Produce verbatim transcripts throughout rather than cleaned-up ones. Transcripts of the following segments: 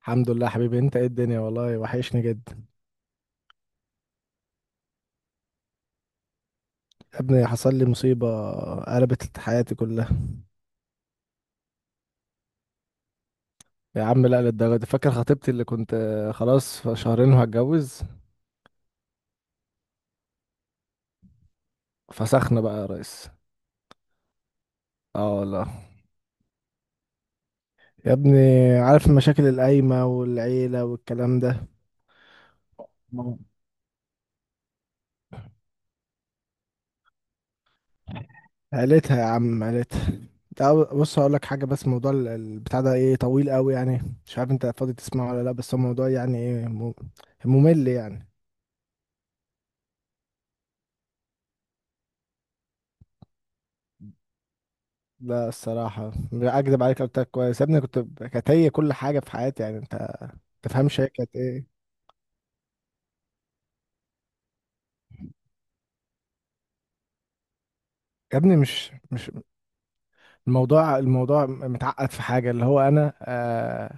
الحمد لله حبيبي. انت ايه الدنيا، والله وحشني جدا. يا ابني حصل لي مصيبة، قلبت حياتي كلها. يا عم لا للدرجة دي، فاكر خطيبتي اللي كنت خلاص في شهرين وهتجوز؟ فسخنا بقى يا ريس. اه والله. يا ابني عارف المشاكل القايمة والعيلة والكلام ده. عيلتها يا عم، عيلتها. تعال بص هقول لك حاجة، بس موضوع ال- البتاع ده ايه طويل قوي يعني، مش عارف انت فاضي تسمعه ولا لا، بس هو موضوع يعني ايه مم- ممل يعني. لا الصراحة، لا أكدب عليك، قلت لك كويس يا ابني، كنت ب- كانت هي كل حاجة في حياتي، يعني أنت ما تفهمش هي كانت إيه. يا ابني مش مش الموضوع الموضوع متعقد في حاجة، اللي هو أنا آه،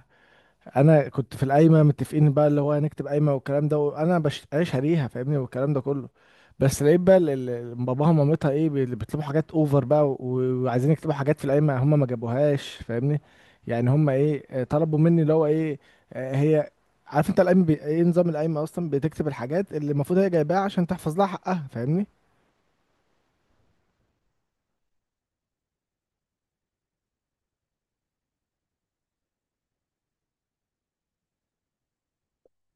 انا كنت في القايمه متفقين بقى، اللي هو هنكتب قايمه والكلام ده، وانا بش- انا شاريها فاهمني والكلام ده كله. بس لقيت بقى ال- ال- باباها ومامتها ايه بي- بيطلبوا حاجات اوفر بقى و- وعايزين يكتبوا حاجات في القايمه هم ما جابوهاش فاهمني. يعني هم ايه آه، طلبوا مني اللي هو ايه آه، هي عارف انت القايمه بي... ايه، نظام القايمه اصلا بتكتب الحاجات اللي المفروض هي جايباها عشان تحفظ لها حقها فاهمني.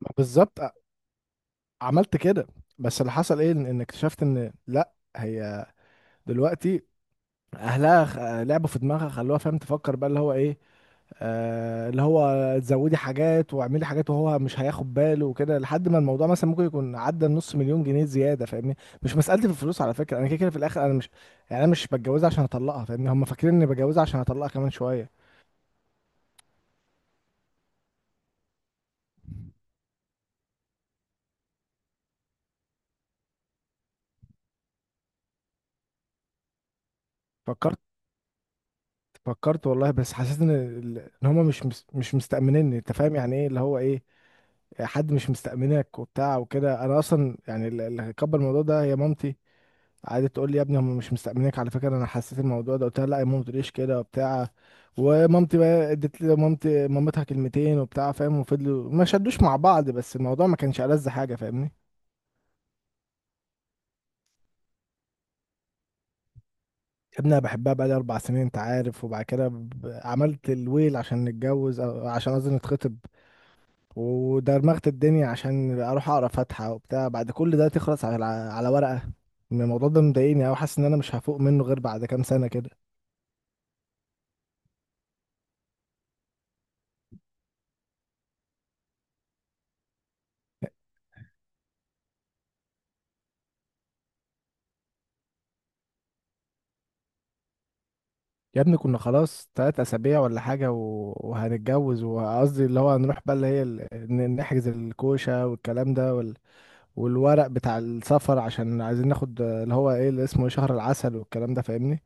ما بالظبط آه، عملت كده. بس اللي حصل ايه، ان إن اكتشفت ان لا، هي دلوقتي اهلها خ- لعبوا في دماغها، خلوها فاهم تفكر بقى اللي هو ايه، آه اللي هو تزودي حاجات واعملي حاجات، وهو مش هياخد باله وكده، لحد ما الموضوع مثلا ممكن يكون عدى النص مليون جنيه زياده فاهمني. مش مسألتي في الفلوس على فكره، انا كده كده في الاخر، انا مش يعني انا مش بتجوزها عشان اطلقها فاهمني، هم فاكرين اني بتجوزها عشان اطلقها كمان شويه. فكرت فكرت والله، بس حسيت ان ال- ان هما مش مس- مش مستأمنيني، انت فاهم يعني ايه اللي هو ايه، حد مش مستأمنك وبتاع وكده. انا اصلا يعني ال- اللي هيكبر الموضوع ده هي مامتي، قعدت تقول لي يا ابني هم مش مستأمنينك على فكرة، انا حسيت الموضوع ده، قلت لها لا يا ماما ما تقوليش كده وبتاع. ومامتي بقى ادت لي مامتي مامتها كلمتين وبتاع فاهم، وفضلوا ما شدوش مع بعض، بس الموضوع ما كانش ألذ حاجة فاهمني. يا ابني انا بحبها بقالي اربع سنين انت عارف، وبعد كده ب- عملت الويل عشان نتجوز أو عشان قصدي نتخطب، ودرمغت الدنيا عشان اروح اقرا فاتحة وبتاع، بعد كل ده تخلص على على ورقة. الموضوع ده مضايقني أوي، حاسس ان انا مش هفوق منه غير بعد كام سنة كده. يا ابني كنا خلاص تلات أسابيع ولا حاجة و- وهنتجوز، وقصدي اللي هو هنروح بقى اللي هي ال- ن- نحجز الكوشة والكلام ده وال... والورق بتاع السفر، عشان عايزين ناخد اللي هو ايه اللي اسمه إيه، شهر العسل والكلام ده فاهمني.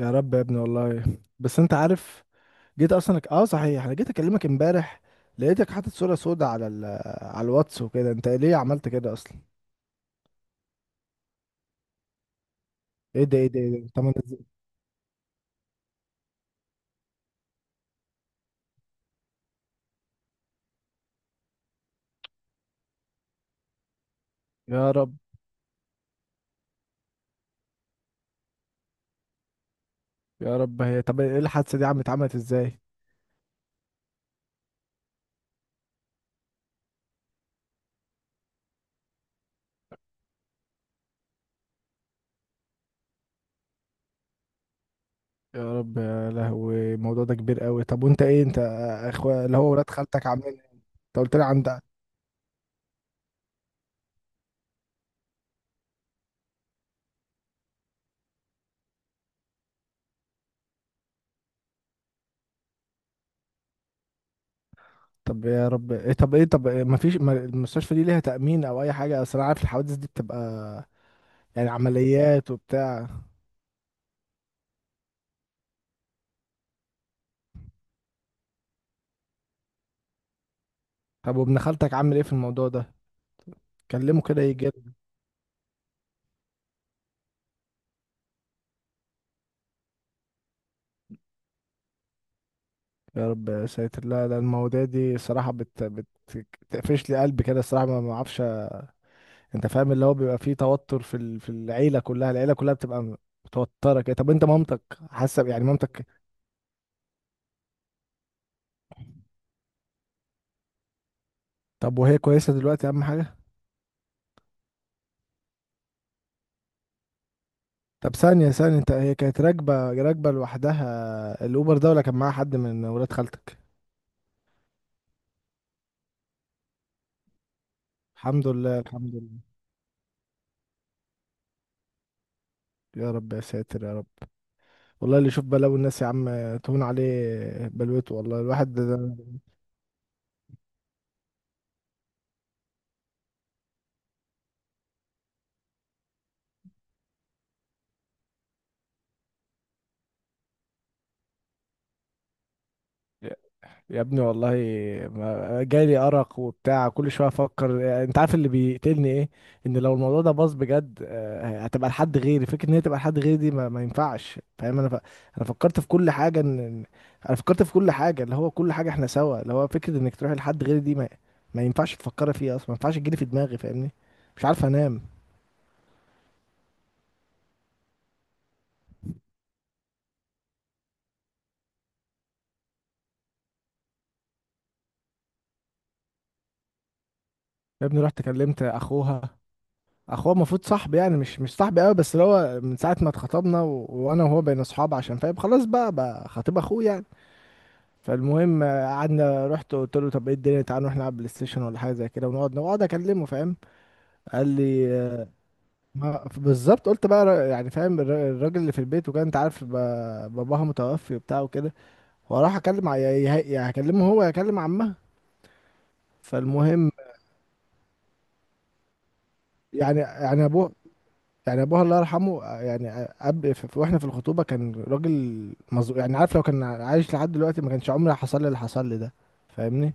يا رب يا ابني والله، بس انت عارف، جيت اصلا اه صحيح انا جيت اكلمك امبارح، لقيتك حاطط صورة سودة على ال... على الواتس وكده، انت ليه عملت كده اصلا؟ ايه ده ايه ده ايه ده، طب أنا إزاي-؟ يا رب. يا رب، هي طب ايه الحادثة دي عم اتعملت ازاي؟ يا رب يا لهوي، الموضوع ده كبير قوي. طب وانت ايه، انت اخويا اللي هو ولاد خالتك عاملين ايه؟ انت قلت لي عند. طب يا رب ايه، طب ايه، طب إيه مفيش، ما فيش ما المستشفى دي ليها تأمين او اي حاجة، اصل انا عارف الحوادث دي بتبقى يعني عمليات وبتاع. طب وابن خالتك عامل ايه في الموضوع ده، كلمه كده يجي لك. يا رب يا ساتر، لا لا المواضيع دي صراحة بت بت بتقفش لي قلبي كده الصراحة، ما ما اعرفش. انت فاهم اللي هو بيبقى فيه توتر في ال- في العيلة كلها، العيلة كلها بتبقى متوترة كده. طب انت مامتك حاسة، يعني مامتك؟ طب وهي كويسة دلوقتي، أهم حاجة. طب ثانية ثانية، أنت هي كانت راكبة راكبة لوحدها الأوبر ده ولا كان معاها حد من ولاد خالتك؟ الحمد لله، الحمد لله. يا رب يا ساتر يا رب، والله اللي يشوف بلاوي الناس يا عم تهون عليه بلوته، والله الواحد ده. يا ابني والله ما- جالي أرق وبتاع، كل شوية أفكر، أنت عارف اللي بيقتلني إيه؟ إن لو الموضوع ده باظ بجد آه، هتبقى لحد غيري، فكرة إن هي تبقى لحد غيري دي ما, ما ينفعش فاهم، أنا ف... أنا فكرت في كل حاجة إن إن- أنا فكرت في كل حاجة اللي هو كل حاجة إحنا سوا، اللي هو فكرة إنك تروحي لحد غيري دي ما, ما ينفعش تفكري فيها أصلا، ما ينفعش تجيلي في دماغي فاهمني؟ مش عارف أنام. يا ابني رحت كلمت أخوها، اخوه المفروض صاحبي، يعني مش مش صاحبي قوي بس، اللي هو من ساعه ما اتخطبنا و... وانا وهو بين اصحاب، عشان فاهم خلاص بقى بقى خطيب اخوه يعني. فالمهم آه، قعدنا، رحت قلت له طب ايه الدنيا، تعالى نروح نلعب بلاي ستيشن ولا حاجه زي كده ونقعد نقعد اكلمه فاهم. قال لي آه، ما بالظبط. قلت بقى ر- يعني فاهم الر- الراجل اللي في البيت، وكان انت عارف ب- باباها متوفي وبتاع وكده، واروح اكلم ع- يا- يا- يا هكلمه هو، يا هكلم عمها. فالمهم يعني يعني ابوه، يعني ابوها الله يرحمه آه، يعني آه، اب ف- واحنا في الخطوبه كان راجل مظلوم، يعني عارف لو كان عايش لحد دلوقتي ما كانش عمري حصل لي اللي حصل لي ده فاهمني.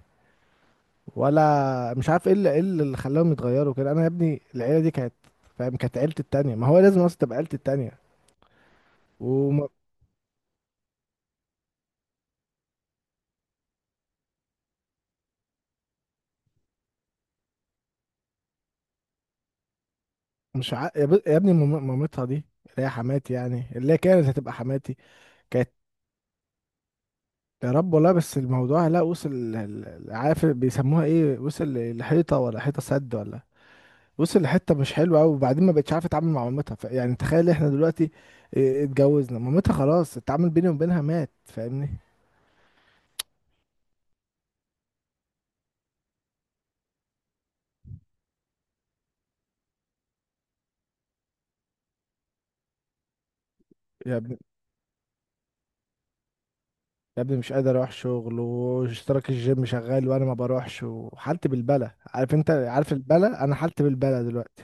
ولا مش عارف ايه اللي ايه اللي خلاهم يتغيروا كده. انا يا ابني العيله دي كانت فاهم كانت عيلتي التانية، ما هو لازم اصلا تبقى عيلتي التانية. ومش ع... يا ب- يا ابني مام- مامتها دي اللي هي حماتي، يعني اللي هي كانت هتبقى حماتي. كانت. يا رب والله، بس الموضوع لا وصل ل- ل- عارف بيسموها ايه، وصل ل- لحيطه ولا حيطه سد، ولا وصل لحته مش حلوه قوي. وبعدين ما بقتش عارفه اتعامل مع مامتها ف... يعني تخيل احنا دلوقتي إيه، اتجوزنا، مامتها خلاص التعامل بيني وبينها مات فاهمني. يا ابني يا ابني مش قادر اروح شغل، واشتراك الجيم شغال وانا ما بروحش، وحالتي بالبلة عارف، انت عارف البلة، انا حالتي بالبلة دلوقتي.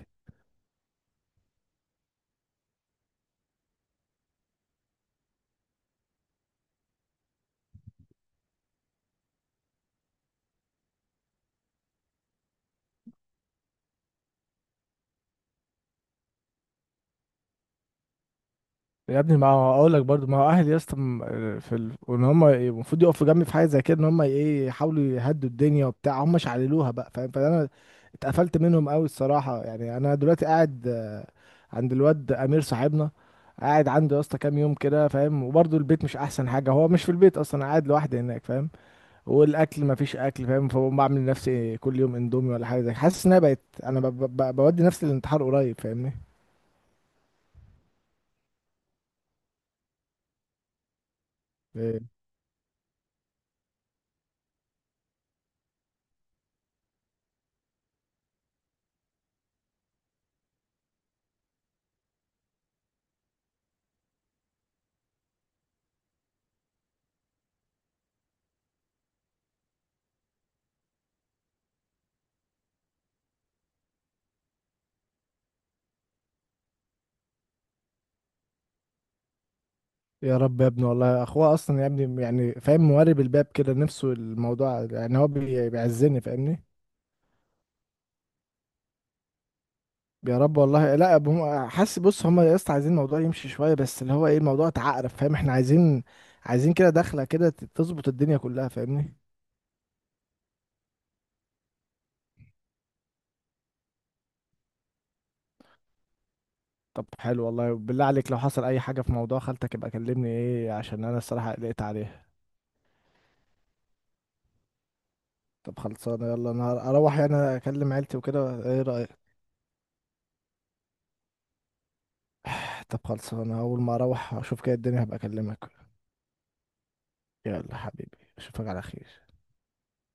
يا ابني ما هو اقول لك برضو، ما هو اهلي يا اسطى م- في ال... وان هم المفروض يقفوا جنبي في حاجه زي كده، ان هم ايه يحاولوا يهدوا الدنيا وبتاع، هم شعللوها بقى فاهم. فانا اتقفلت منهم قوي الصراحه، يعني انا دلوقتي قاعد آه، عند الواد امير صاحبنا، قاعد عنده يا اسطى كام يوم كده فاهم، وبرضو البيت مش احسن حاجه، هو مش في البيت اصلا، أنا قاعد لوحدي هناك فاهم، والاكل ما فيش اكل فاهم، فبقوم بعمل لنفسي كل يوم اندومي ولا حاجه زي كده. حاسس ان انا بقيت انا ب... ب... ب- بودي نفسي للانتحار قريب فاهمني. يا رب يا ابني والله، اخوه اصلا يا ابني يعني فاهم موارب الباب كده، نفسه الموضوع يعني، هو بي- بيعزني فاهمني. يا رب والله لا أب- هم حاسس بص، هم يا اسطى عايزين الموضوع يمشي شويه، بس اللي هو ايه الموضوع اتعقرف فاهم. احنا عايزين، عايزين كده دخله كده ت- تظبط الدنيا كلها فاهمني. طب حلو والله، بالله عليك لو حصل اي حاجه في موضوع خالتك يبقى كلمني ايه، عشان انا الصراحه قلقت عليها. طب خلصانه، يلا انا اروح يعني اكلم عيلتي وكده، ايه رايك؟ طب خلصانه، اول ما اروح اشوف كده الدنيا هبقى اكلمك. يلا حبيبي، اشوفك على خير.